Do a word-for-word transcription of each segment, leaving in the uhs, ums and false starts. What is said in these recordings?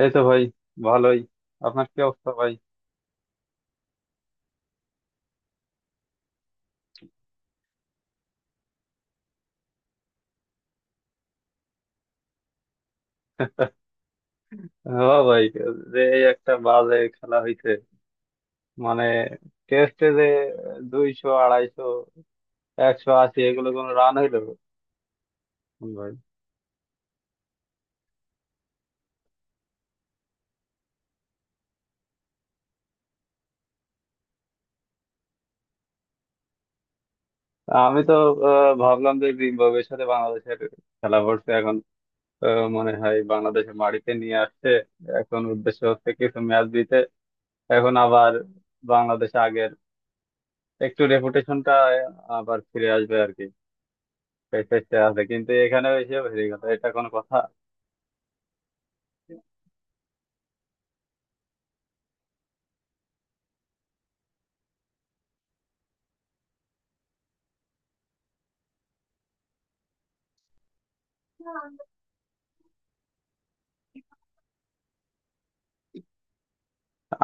এই তো ভাই ভালোই। আপনার কি অবস্থা ভাই? হ্যাঁ ভাই, যে এই একটা বাজে খেলা হইছে, মানে টেস্টে যে দুইশো আড়াইশো একশো আশি এগুলো কোনো রান হইলো ভাই? আমি তো আহ, ভাবলাম যে জিম্বাবুয়ের সাথে বাংলাদেশের খেলা পড়ছে এখন। আহ, মনে হয় বাংলাদেশে মাটিতে নিয়ে আসছে। এখন উদ্দেশ্য হচ্ছে কিছু ম্যাচ দিতে, এখন আবার বাংলাদেশ আগের একটু রেপুটেশনটা আবার ফিরে আসবে আর কি। প্যাকেজটা আছে কিন্তু এখানে এসে হেরে গেল, এটা কোনো কথা?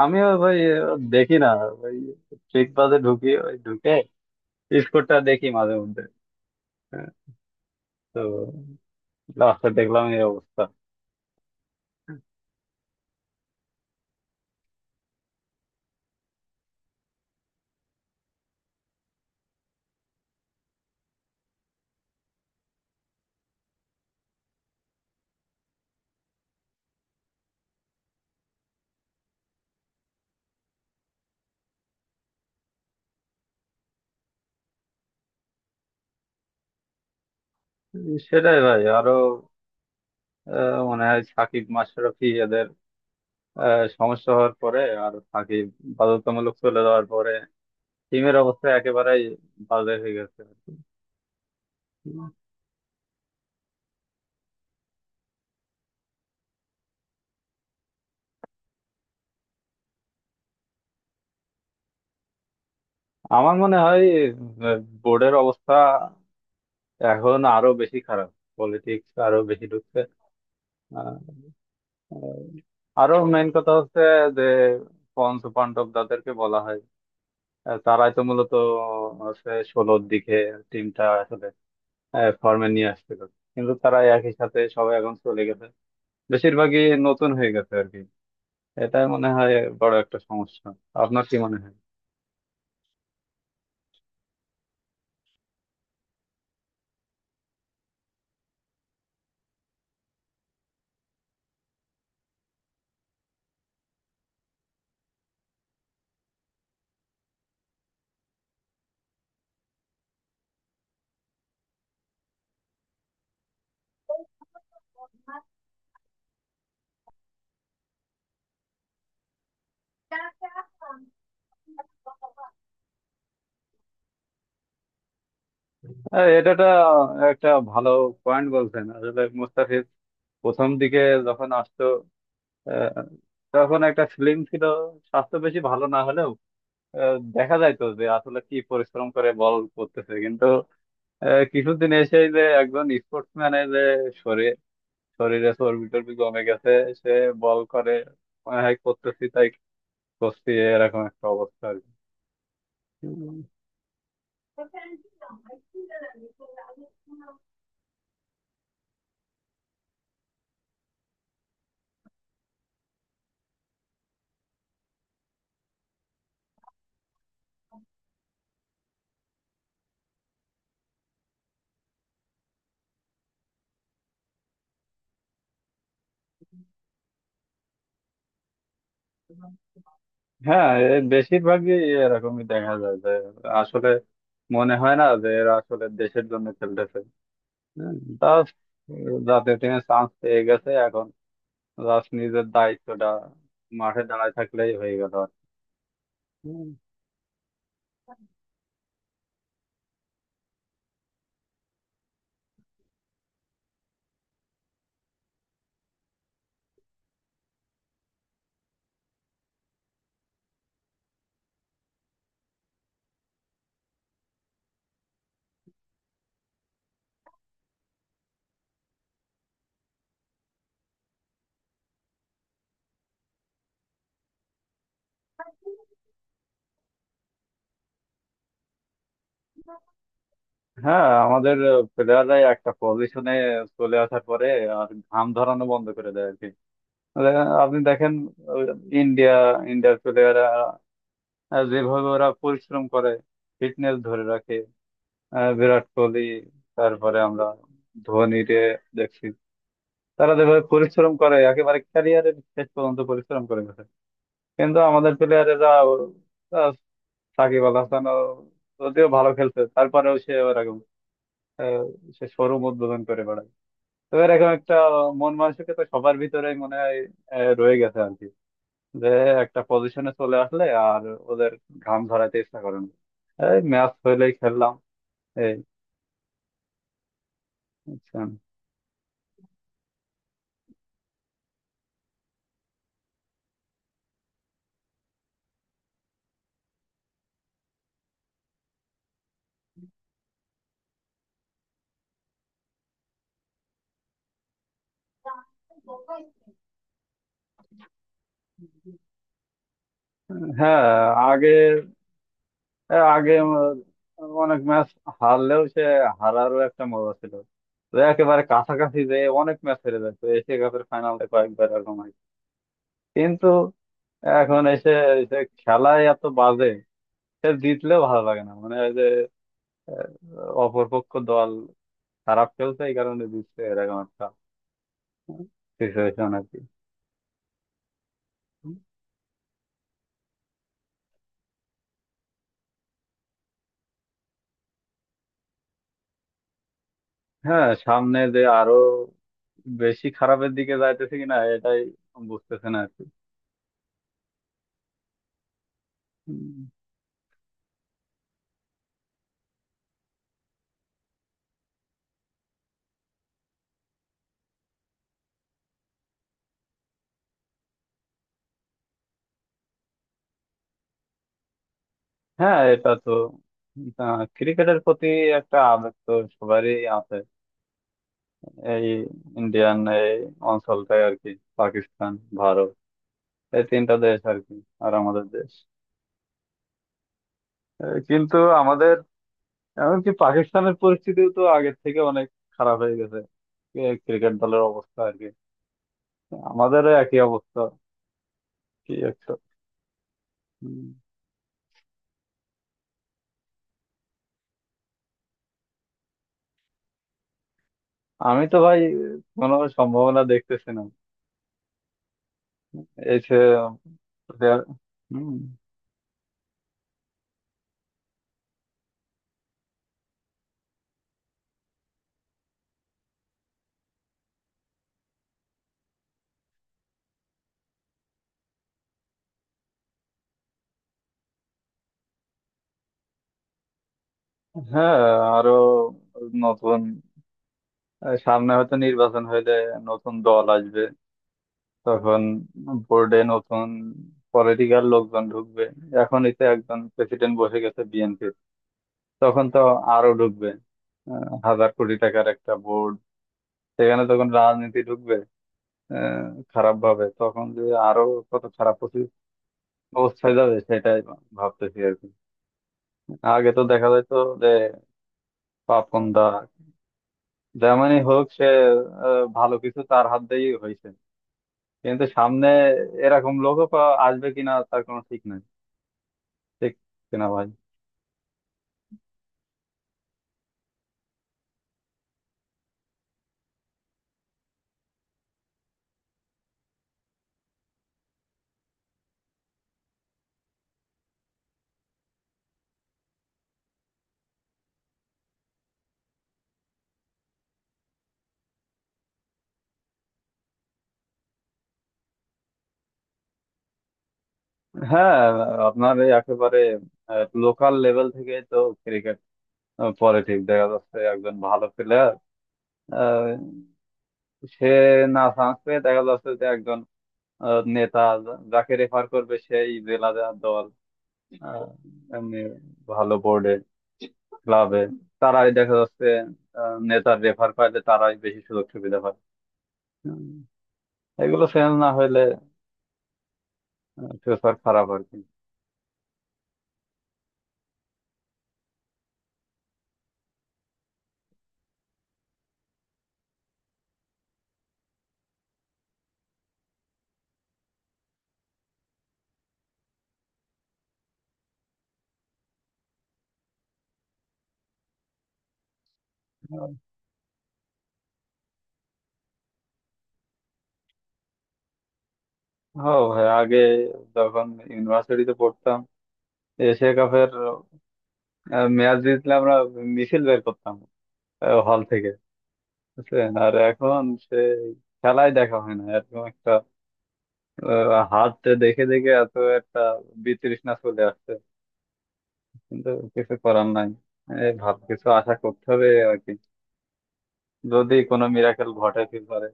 আমিও ভাই আহ, দেখি না, ওই ট্রিক বাজে ঢুকি, ওই ঢুকে স্কোরটা দেখি মাঝে মধ্যে। হ্যাঁ, তো লাস্টে দেখলাম এই অবস্থা। সেটাই ভাই, আরো আহ, মনে হয় সাকিব মাশরাফি এদের আহ, সমস্যা হওয়ার পরে, আর সাকিব বাধ্যতামূলক চলে যাওয়ার পরে টিমের অবস্থা একেবারেই বাজে হয়ে গেছে আর কি। আমার মনে হয় বোর্ডের অবস্থা এখন আরো বেশি খারাপ, পলিটিক্স আরো বেশি ঢুকছে। আহ, আহ, আরো মেইন কথা হচ্ছে যে পঞ্চ পাণ্ডব যাদেরকে বলা হয়, আহ, তারাই তো মূলত হচ্ছে ষোলোর দিকে টিমটা আসলে ফর্মে নিয়ে আসছিল, কিন্তু তারা একই সাথে সবাই এখন চলে গেছে, বেশিরভাগই নতুন হয়ে গেছে আর কি। এটাই মনে হয় বড় একটা সমস্যা। আপনার কি মনে হয়? আহ, এটা একটা একটা ভালো পয়েন্ট বলছেন। আসলে মুস্তাফিজ প্রথম দিকে যখন আসতো আহ, তখন একটা ফিল্ম ছিল, স্বাস্থ্য বেশি ভালো না হলেও আহ, দেখা যায় তো যে আসলে কি পরিশ্রম করে বল করতেছে, কিন্তু আহ, কিছুদিন এসে যে একজন স্পোর্টসম্যানের যে শরীর, শরীরে চর্বি টর্বি কমে গেছে, সে বল করে, মনে হয় করতেছি তাই করছি, এরকম একটা অবস্থা আর কি। উম, হ্যাঁ, এ বেশিরভাগই এরকমই দেখা যায় যে আসলে মনে হয় না যে এরা আসলে দেশের জন্য খেলতেছে। হম, তা জাতীয় টিমে চান্স পেয়ে গেছে, এখন জাস্ট নিজের দায়িত্বটা মাঠে দাঁড়ায় থাকলেই হয়ে গেল আর কি। হুম। হ্যাঁ, আমাদের প্লেয়াররাই একটা পজিশনে চলে আসার পরে আর ঘাম ধরানো বন্ধ করে দেয় আর কি। মানে আপনি দেখেন ইন্ডিয়া, ইন্ডিয়ার প্লেয়াররা যেভাবে ওরা পরিশ্রম করে, ফিটনেস ধরে রাখে, আহ, বিরাট কোহলি, তারপরে আমরা ধোনি রে দেখছি, তারা যেভাবে পরিশ্রম করে একেবারে ক্যারিয়ারের শেষ পর্যন্ত পরিশ্রম করে গেছে। কিন্তু আমাদের প্লেয়ারেরা, সাকিব আল হাসানও যদিও ভালো খেলছে তারপরেও সে ওরকম, আহ, সে শোরুম উদ্বোধন করে বেড়ায়। তো এরকম একটা মন মানসিকতা সবার ভিতরে মনে হয় আহ, রয়ে গেছে আর কি, যে একটা পজিশনে চলে আসলে আর ওদের ঘাম ঝরাতে ইচ্ছা করে না, এই ম্যাচ হইলেই খেললাম এই আচ্ছা। হ্যাঁ, আগে আগে অনেক ম্যাচ হারলেও সে হারারও একটা মজা ছিল, তো একেবারে কাছাকাছি যে অনেক ম্যাচ হেরে যায়, তো এশিয়া কাপের ফাইনালে কয়েকবার এরকম হয়। কিন্তু এখন এসে এসে খেলায় এত বাজে, সে জিতলেও ভালো লাগে না, মানে ওই যে আহ, অপরপক্ষ দল খারাপ খেলছে এই কারণে জিতছে, এরকম একটা সিচুয়েশন আর কি। হ্যাঁ, সামনে যে আরো বেশি খারাপের দিকে যাইতেছে কিনা এটাই বুঝতেছে না আর কি। উম, হ্যাঁ এটা তো ক্রিকেটের প্রতি একটা আবেগ তো সবারই আছে, এই ইন্ডিয়ান এই অঞ্চলটাই আর কি, পাকিস্তান, ভারত, এই তিনটা দেশ আর কি, আর আমাদের দেশ। আহ, কিন্তু আমাদের এমনকি পাকিস্তানের পরিস্থিতিও তো আগের থেকে অনেক খারাপ হয়ে গেছে, ক্রিকেট দলের অবস্থা আর কি, আমাদেরও একই অবস্থা কি একটা। উম, আমি তো ভাই কোনো সম্ভাবনা দেখতেছি না এই যে দে- হুম, হ্যাঁ, আরো নতুন আহ, সামনে হয়তো নির্বাচন হইলে নতুন দল আসবে, তখন বোর্ডে নতুন পলিটিক্যাল লোকজন ঢুকবে, এখনই তো একজন প্রেসিডেন্ট বসে গেছে, তখন তো আরো ঢুকবে। আহ, হাজার কোটি টাকার একটা বোর্ড, সেখানে তখন রাজনীতি ঢুকবে খারাপ ভাবে, তখন যে আরো কত খারাপ পরি- অবস্থায় যাবে সেটাই ভাবতেছি আর কি। আগে তো দেখা যায় তো, যে পাপন্দা যেমনই হোক সে আহ, ভালো কিছু তার হাত দিয়েই হয়েছে, কিন্তু সামনে এরকম লোকও পা- আসবে কিনা তার কোনো ঠিক নাই। ঠিক কিনা ভাই? হ্যাঁ, আপনার এই একেবারে লোকাল লেভেল থেকে তো ক্রিকেট আহ পরে ঠিক দেখা যাচ্ছে একজন ভালো প্লেয়ার সে না চান্স পেয়ে দেখা যাচ্ছে যে একজন আহ, নেতা যা- যাকে রেফার করবে সেই জেলা যা দল আহ, এমনি ভালো বোর্ডে, ক্লাবে, তারাই দেখা যাচ্ছে আহ, নেতার রেফার পাইলে তারাই বেশি সুযোগ সুবিধা পায়। উম, এগুলো চেঞ্জ না হইলে ফিউচার খারাপ আর কি। আহ, হ্যাঁ ভাই, আগে যখন ইউনিভার্সিটিতে পড়তাম, এশিয়া কাপের ম্যাচ জিতলে আমরা মিছিল বের করতাম হল থেকে, বুঝছেন? আর এখন সে খেলাই দেখা হয় না, এরকম একটা আহ, হাতটা দেখে দেখে এত একটা বিতৃষ্ণা চলে আসছে। কিন্তু কিছু করার নাই, এই ভালো কিছু আশা করতে হবে আর কি, যদি কোনো মিরাকেল ঘটে ফিউচারে।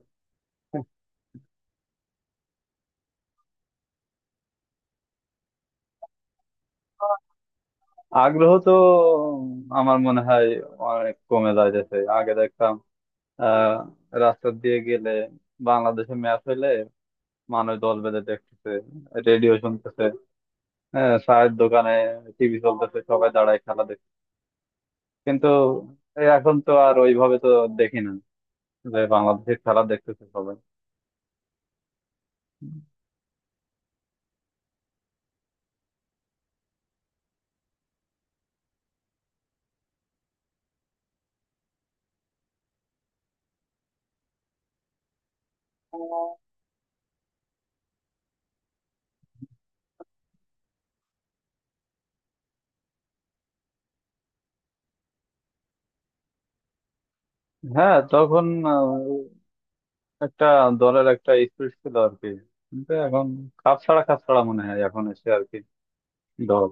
আগ্রহ তো আমার মনে হয় অনেক কমে যাইতেছে। আগে দেখতাম আহ রাস্তা দিয়ে গেলে, বাংলাদেশে ম্যাচ হইলে মানুষ দল বেঁধে দেখতেছে, রেডিও শুনতেছে, হ্যাঁ চায়ের দোকানে টিভি চলতেছে সবাই দাঁড়ায় খেলা, কিন্তু এ এখন তো আর ওইভাবে তো দেখি না যে বাংলাদেশের খেলা দেখতেছে সবাই। হ্যাঁ, তখন আহ, একটা দলের একটা স্পিরিট ছিল আর কি, কিন্তু এখন কাপ ছাড়া কাপ ছাড়া মনে হয় এখন এসে আর কি দল।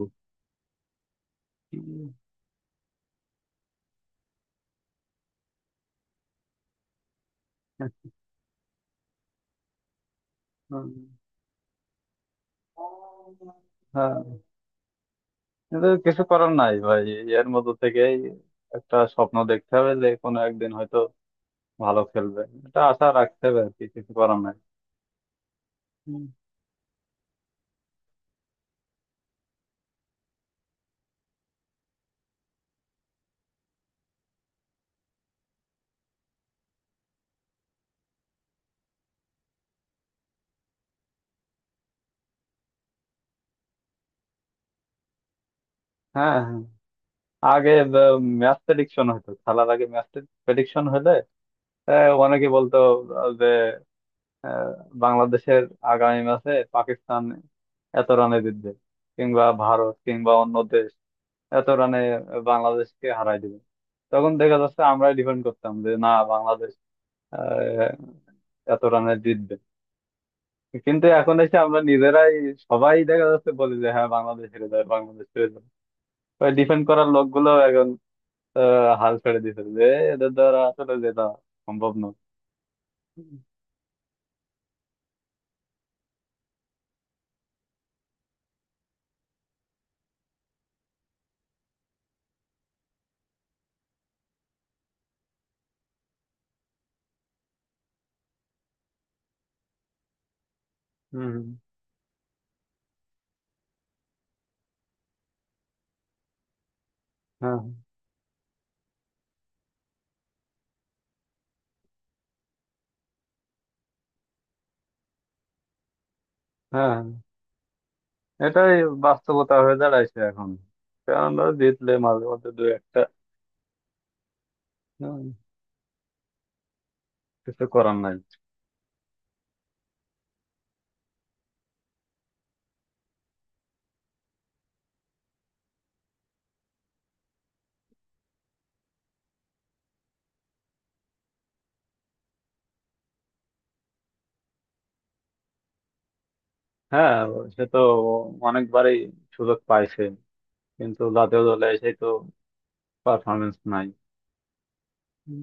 উম, হ্যাঁ, কিন্তু কিছু করার নাই ভাই, এর মধ্যে থেকেই একটা স্বপ্ন দেখতে হবে যে কোনো একদিন হয়তো ভালো খেলবে, এটা আশা রাখতে হবে আর কি, কিছু করার নাই। হুম। হ্যাঁ, হ্যাঁ। আগে ম্যাচ প্রেডিকশন হতো, খেলার আগে ম্যাচ প্রেডিকশন হলে আহ, অনেকে বলতো আহ, যে আহ, বাংলাদেশের আগামী ম্যাচে পাকিস্তান এত রানে জিতবে, কিংবা ভারত কিংবা অন্য দেশ এত রানে বাংলাদেশকে হারাই দিবে, তখন দেখা যাচ্ছে আমরাই ডিফেন্ড করতাম যে না, বাংলাদেশ আহ, এত রানে জিতবে। কিন্তু এখন এসে আমরা নিজেরাই সবাই দেখা যাচ্ছে বলি যে হ্যাঁ, বাংলাদেশ হেরে যাবে, বাংলাদেশ হেরে যাবে। ডিফেন্ড করার লোকগুলো এখন আহ, হাল ছেড়ে দিয়েছে যে এদের দ্বারা আসলে যেটা সম্ভব নয়। হম হম, হ্যাঁ হ্যাঁ, এটাই বাস্তবতা হয়ে দাঁড়াইছে এখন, কারণ ওরা জিতলে মাঝে মধ্যে দু একটা। উম, কিছু করার নাই। হ্যাঁ, সে তো অনেকবারই সুযোগ পাইছে, কিন্তু জাতীয় দলে এসে তো পারফরমেন্স নাই। হুম।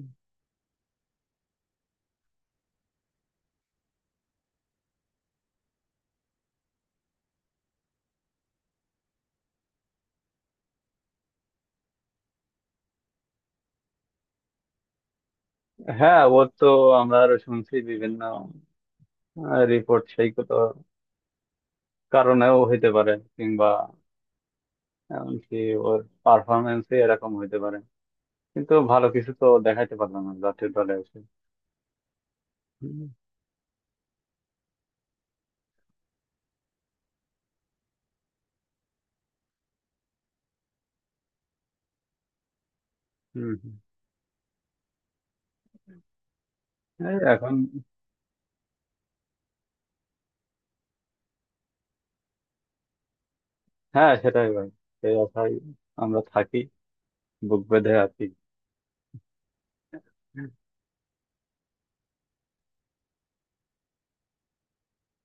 হ্যাঁ, ওর তো আমরা আরো শুনছি বিভিন্ন রিপোর্ট, সেই কত কারণেও হইতে পারে, কিংবা এমনকি ওর পারফরমেন্স এরকম হইতে পারে, কিন্তু ভালো কিছু তো দেখাইতে পারলাম না জাতীয় দলে এসে। হুম হুম হুম। এই এখন হ্যাঁ, সেটাই ভাই, সেই আশায় আমরা থাকি, বুক বেঁধে আছি।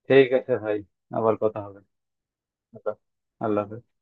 ঠিক আছে ভাই, আবার কথা হবে। আচ্ছা, আল্লাহ হাফেজ।